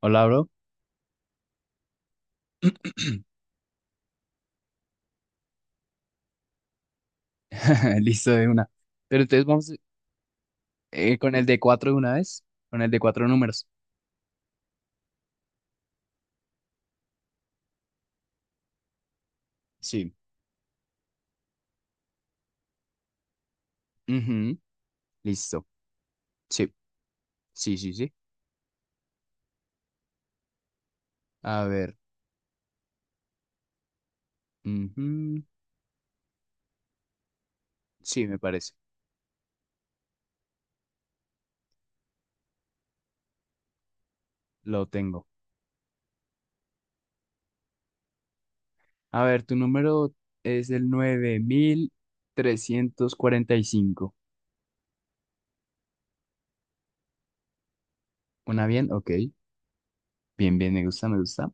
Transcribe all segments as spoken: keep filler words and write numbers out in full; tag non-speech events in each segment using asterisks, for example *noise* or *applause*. Hola, bro. *clears throat* Listo de una. Pero entonces vamos eh, con el de cuatro de una vez, con el de cuatro números. Sí. Ujú. Listo. Sí, sí, sí, sí. A ver. Ujú. Sí, me parece. Lo tengo. A ver, tu número es el nueve mil trescientos cuarenta y cinco. ¿Una bien? Ok. Bien, bien, me gusta, me gusta.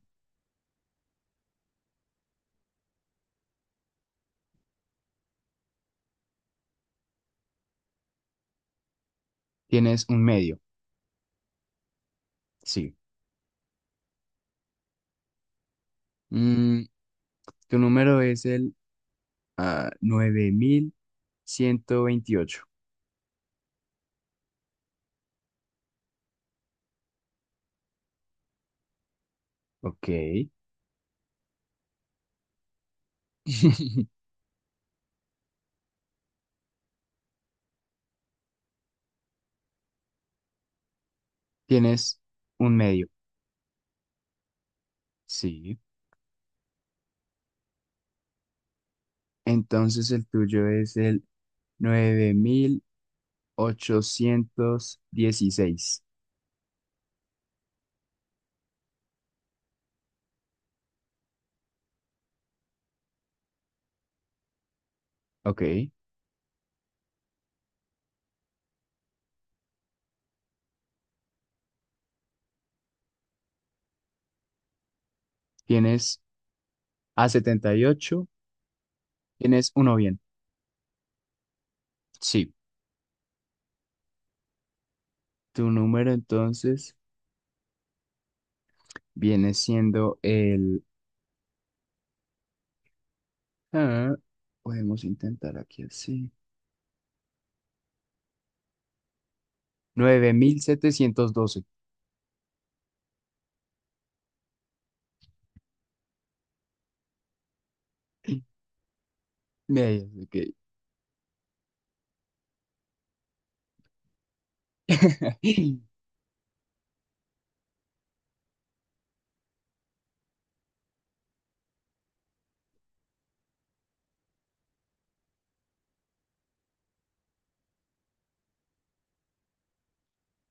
Tienes un medio. Sí. Mm, tu número es el ah, nueve mil ciento veintiocho. Ok. *laughs* Tienes un medio, sí. Entonces el tuyo es el nueve mil ochocientos dieciséis. Ok. Tienes a setenta y ocho. Tienes uno bien. Sí. Tu número entonces viene siendo el. ah, Podemos intentar aquí así. Nueve mil setecientos doce. *clears throat* Medios. Ok. *laughs*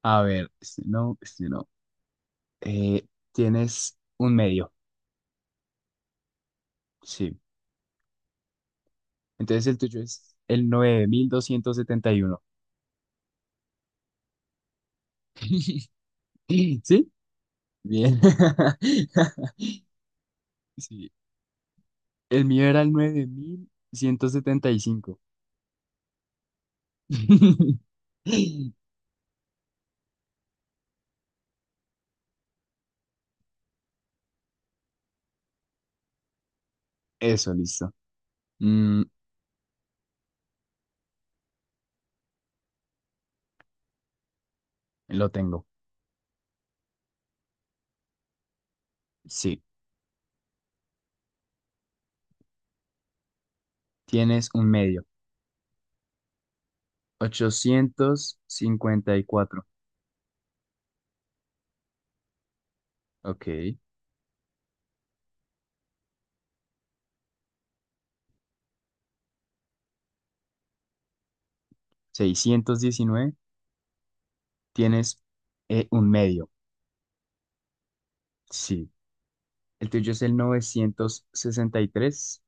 A ver, este no, este no. Eh, tienes un medio, sí. Entonces el tuyo es el nueve mil doscientos setenta y uno. *laughs* ¿Sí? Bien. *laughs* Sí. El mío era el nueve mil ciento setenta y cinco. *laughs* Eso, listo. Mm, lo tengo. Sí. Tienes un medio. ochocientos cincuenta y cuatro. Ok. Seiscientos diecinueve. Tienes eh, un medio. Sí. El tuyo es el novecientos sesenta y tres.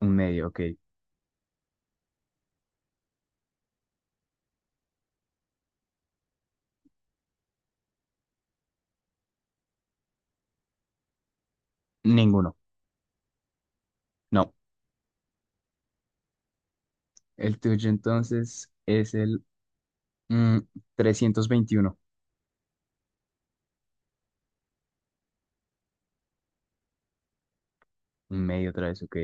Un medio. Ok. Ninguno. No. El tuyo entonces es el mm, trescientos veintiuno. Un medio otra vez, ok.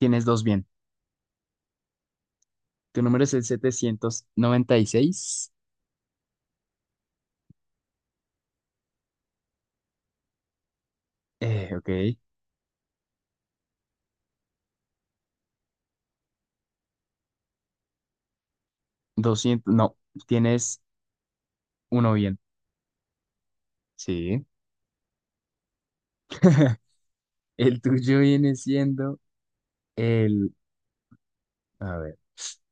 Tienes dos bien. Tu número es el setecientos noventa y seis. Eh, ok. Doscientos. No, tienes uno bien. Sí. *laughs* El tuyo viene siendo el. A ver,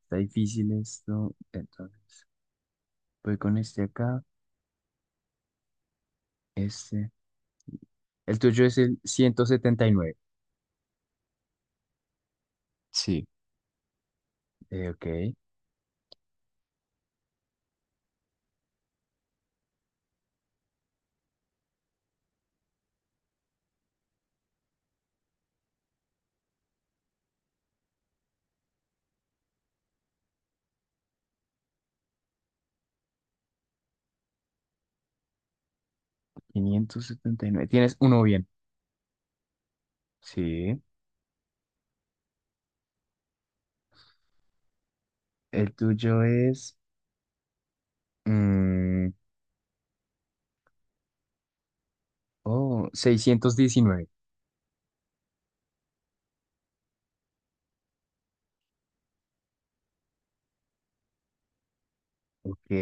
está difícil esto. Entonces, voy con este acá. Este. El tuyo es el ciento setenta y nueve. Sí. Eh, ok. Quinientos setenta y nueve. Tienes uno bien. Sí. El tuyo es mm, oh, seiscientos diecinueve. Ok.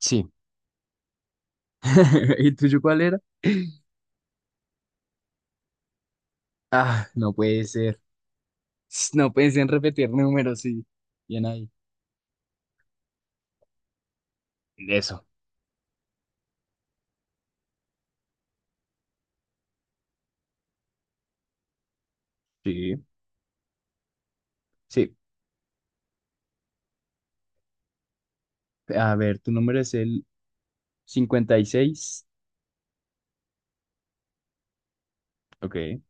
Sí. *laughs* ¿Y el tuyo cuál era? Ah, no puede ser. *laughs* No pueden repetir números, sí. Bien ahí. Eso. Sí. Sí. A ver, tu número es el cincuenta y seis. Ok.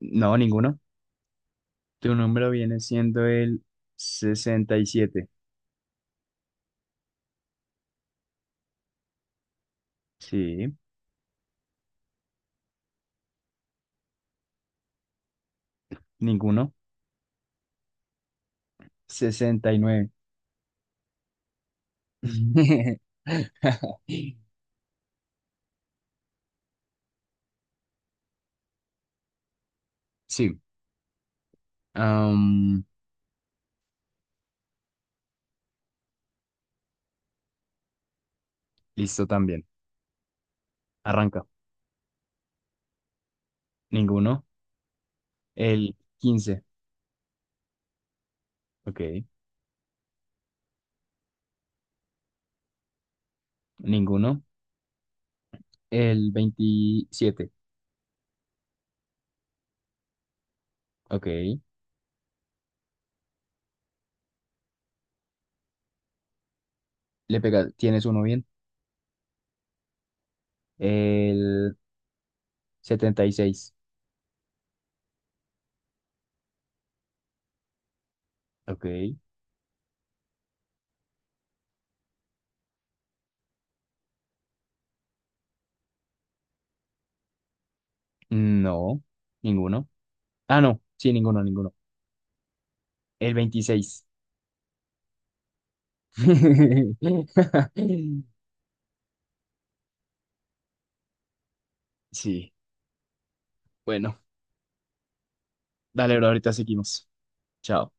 No, ninguno. Tu número viene siendo el sesenta y siete. Sí. Ninguno. Sesenta y nueve. *laughs* Sí. Listo también. Arranca. Ninguno. El quince. Ok. Ninguno. El veintisiete. Ok. Le pega. ¿Tienes uno bien? El setenta y seis. Ok. No. Ninguno. Ah, no. Sí, ninguno, ninguno. El veintiséis. *laughs* Sí. Bueno. Dale, bro. Ahorita seguimos. Chao.